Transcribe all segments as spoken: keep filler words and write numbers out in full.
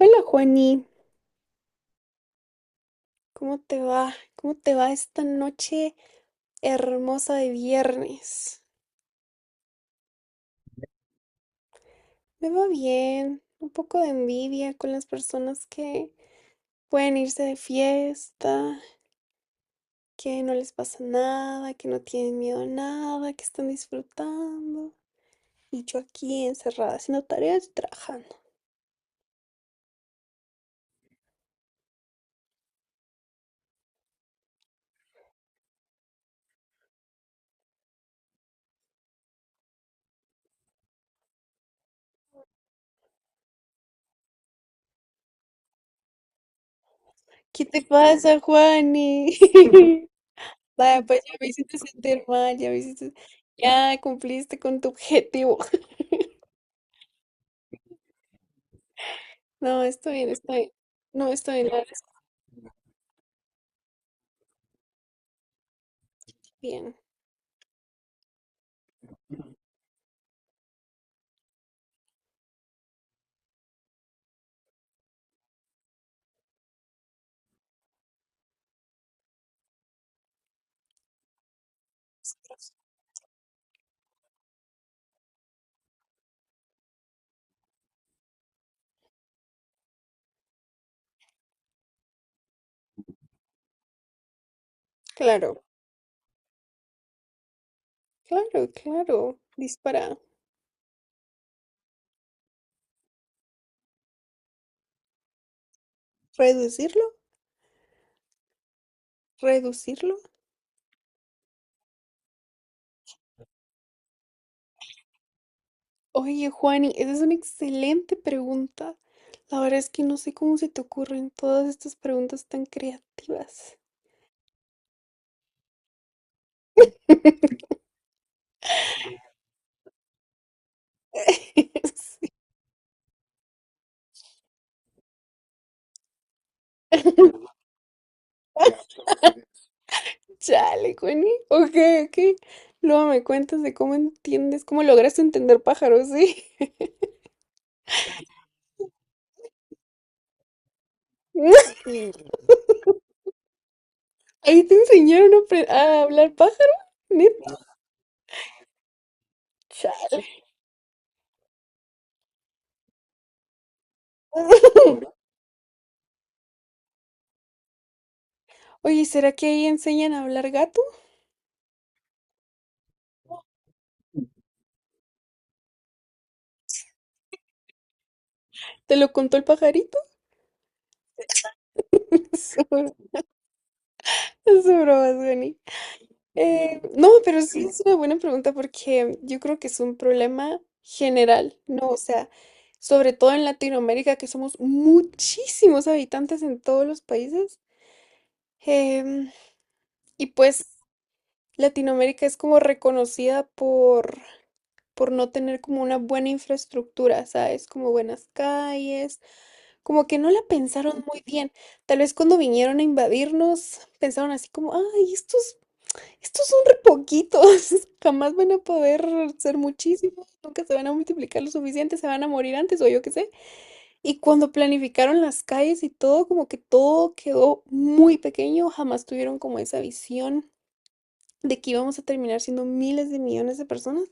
Hola Juani, ¿cómo te va? ¿Cómo te va esta noche hermosa de viernes? Me va bien, un poco de envidia con las personas que pueden irse de fiesta, que no les pasa nada, que no tienen miedo a nada, que están disfrutando. Y yo aquí encerrada haciendo tareas y trabajando. ¿Qué te pasa, Juani? Vaya, pues ya me hiciste sentir mal, ya me hiciste... Ya cumpliste con tu objetivo. No, estoy en, estoy, no estoy en la bien. Claro, claro, claro. Dispara. ¿Reducirlo? ¿Reducirlo? Oye, Juani, esa es una excelente pregunta. La verdad es que no sé cómo se te ocurren todas estas preguntas tan creativas. Sí. Chale, Juani. Ok, ok. Luego me cuentas de cómo entiendes, cómo lograste entender pájaros, ¿sí? Ahí te enseñaron a, apre- a hablar pájaro, neta. Oye, ¿será que ahí enseñan a hablar gato? ¿Te lo contó el pajarito? Es broma, es broma, Dani. Eh, no, pero sí es una buena pregunta porque yo creo que es un problema general, ¿no? O sea, sobre todo en Latinoamérica, que somos muchísimos habitantes en todos los países. Em, y pues Latinoamérica es como reconocida por, por no tener como una buena infraestructura, ¿sabes? Como buenas calles. Como que no la pensaron muy bien. Tal vez cuando vinieron a invadirnos, pensaron así como, ay, estos, estos son re poquitos, jamás van a poder ser muchísimos, nunca se van a multiplicar lo suficiente, se van a morir antes o yo qué sé. Y cuando planificaron las calles y todo, como que todo quedó muy pequeño, jamás tuvieron como esa visión de que íbamos a terminar siendo miles de millones de personas.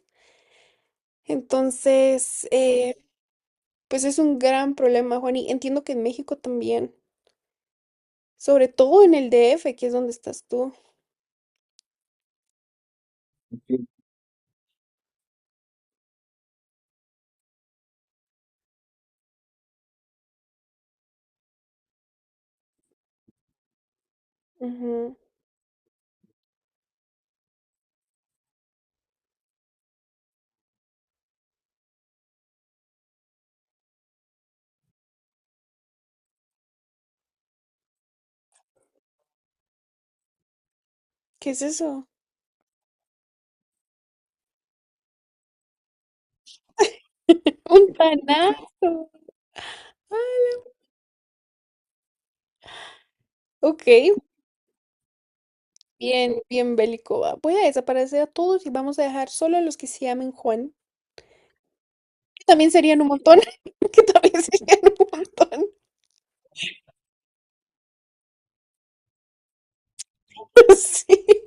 Entonces, eh, pues es un gran problema, Juan, y entiendo que en México también. Sobre todo en el D F, que es donde estás tú. Ujú. ¿Qué es eso? Un tanazo. Ok, bien, bien bélico, va. Voy a desaparecer a todos y vamos a dejar solo a los que se llamen Juan. Que también serían un montón. Que también serían un montón. Sí.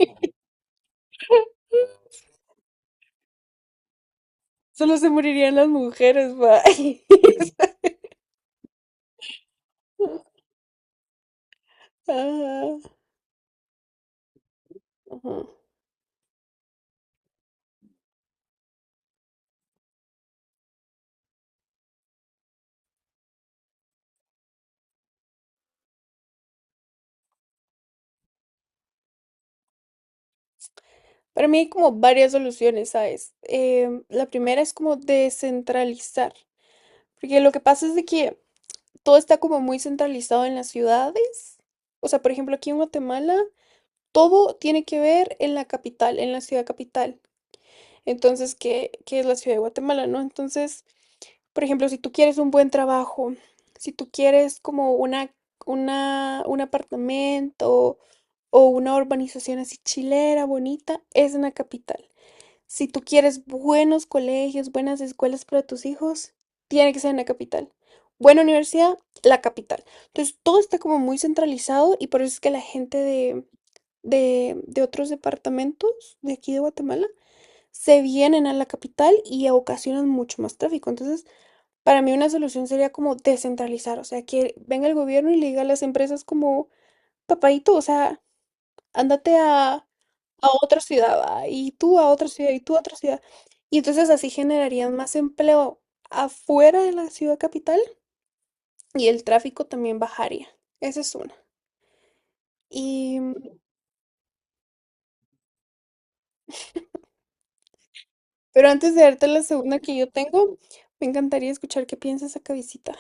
Solo se morirían las mujeres, va. Ajá, ajá. Para mí hay como varias soluciones, ¿sabes? Em, la primera es como descentralizar, porque lo que pasa es de que todo está como muy centralizado en las ciudades. O sea, por ejemplo, aquí en Guatemala, todo tiene que ver en la capital, en la ciudad capital. Entonces, ¿qué, qué es la ciudad de Guatemala, no? Entonces, por ejemplo, si tú quieres un buen trabajo, si tú quieres como una, una, un apartamento o una urbanización así chilera, bonita, es en la capital. Si tú quieres buenos colegios, buenas escuelas para tus hijos, tiene que ser en la capital. Buena universidad, la capital. Entonces, todo está como muy centralizado y por eso es que la gente de, de, de otros departamentos de aquí de Guatemala se vienen a la capital y ocasionan mucho más tráfico. Entonces, para mí una solución sería como descentralizar, o sea, que venga el gobierno y le diga a las empresas como, papadito, o sea, ándate a a otra ciudad, ah, y tú a otra ciudad, y tú a otra ciudad. Y entonces así generarían más empleo afuera de la ciudad capital y el tráfico también bajaría. Esa es una. Y, pero antes de darte la segunda que yo tengo, me encantaría escuchar qué piensas acá, visita.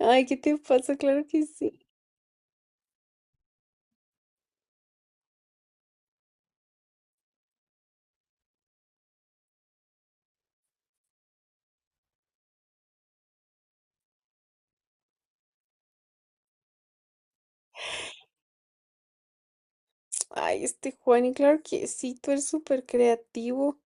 Ay, ¿qué te pasa? Claro que sí. Ay, este Juan, y claro que sí, tú eres súper creativo.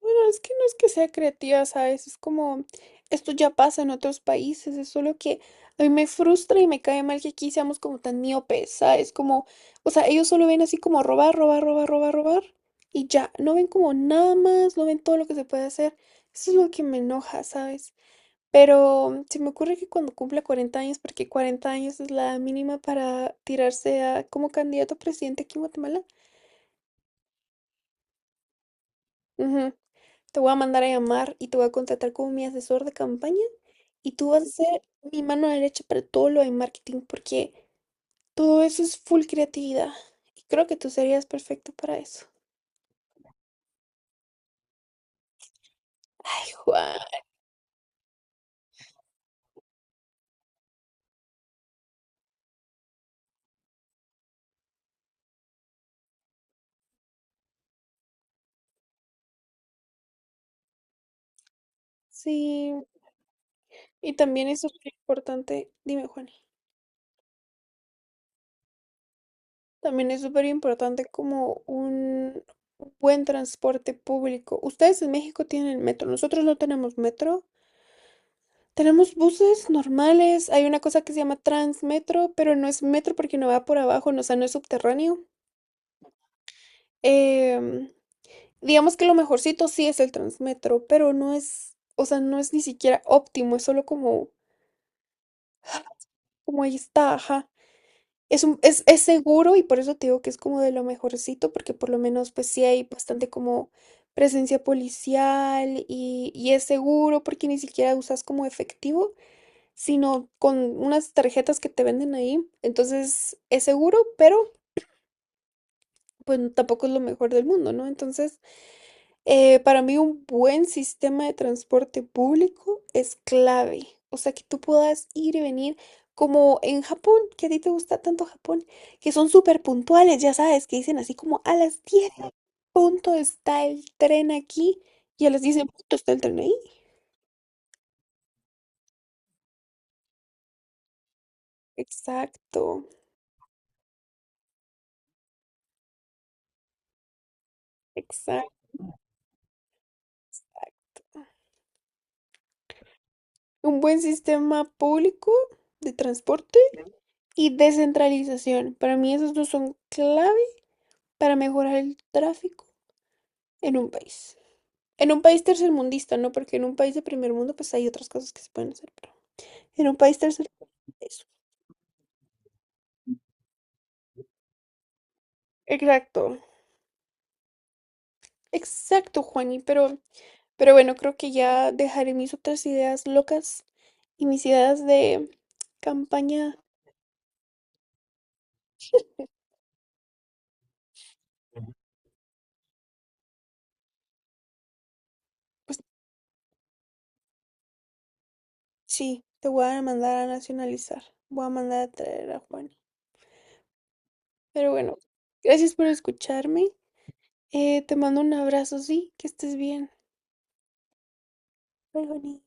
Bueno, es que no es que sea creativa, ¿sabes? Es como, esto ya pasa en otros países, es solo que a mí me frustra y me cae mal que aquí seamos como tan miopes, ¿sabes? Como, o sea, ellos solo ven así como robar, robar, robar, robar, robar y ya, no ven como nada más, no ven todo lo que se puede hacer. Eso es lo que me enoja, ¿sabes? Pero se me ocurre que cuando cumpla cuarenta años, porque cuarenta años es la edad mínima para tirarse a como candidato a presidente aquí en Guatemala, ujú. Te voy a mandar a llamar y te voy a contratar como mi asesor de campaña. Y tú vas a ser mi mano derecha para todo lo de marketing, porque todo eso es full creatividad. Y creo que tú serías perfecto para eso. Juan. Sí, y también es súper importante, dime Juan, también es súper importante como un buen transporte público. Ustedes en México tienen metro, nosotros no tenemos metro. Tenemos buses normales, hay una cosa que se llama Transmetro, pero no es metro porque no va por abajo, no, o sea, no es subterráneo. Em, Digamos que lo mejorcito sí es el Transmetro, pero no es, o sea, no es ni siquiera óptimo, es solo como, como ahí está, ajá. Es un, es, es seguro y por eso te digo que es como de lo mejorcito, porque por lo menos pues sí hay bastante como presencia policial y, y es seguro porque ni siquiera usas como efectivo, sino con unas tarjetas que te venden ahí. Entonces es seguro, pero pues tampoco es lo mejor del mundo, ¿no? Entonces... Eh, para mí un buen sistema de transporte público es clave, o sea, que tú puedas ir y venir como en Japón, que a ti te gusta tanto Japón, que son súper puntuales, ya sabes, que dicen así como a las diez en punto está el tren aquí y a las diez en punto está el tren ahí. Exacto, exacto. Un buen sistema público de transporte y descentralización. Para mí esos dos son clave para mejorar el tráfico en un país. En un país tercermundista, ¿no? Porque en un país de primer mundo, pues hay otras cosas que se pueden hacer, pero en un país tercer eso. Exacto, exacto, Juani, pero, pero bueno, creo que ya dejaré mis otras ideas locas y mis ideas de campaña. Sí, te voy a mandar a nacionalizar, voy a mandar a traer a Juani. Pero bueno, gracias por escucharme, eh, te mando un abrazo, sí, que estés bien. Bye, Juani.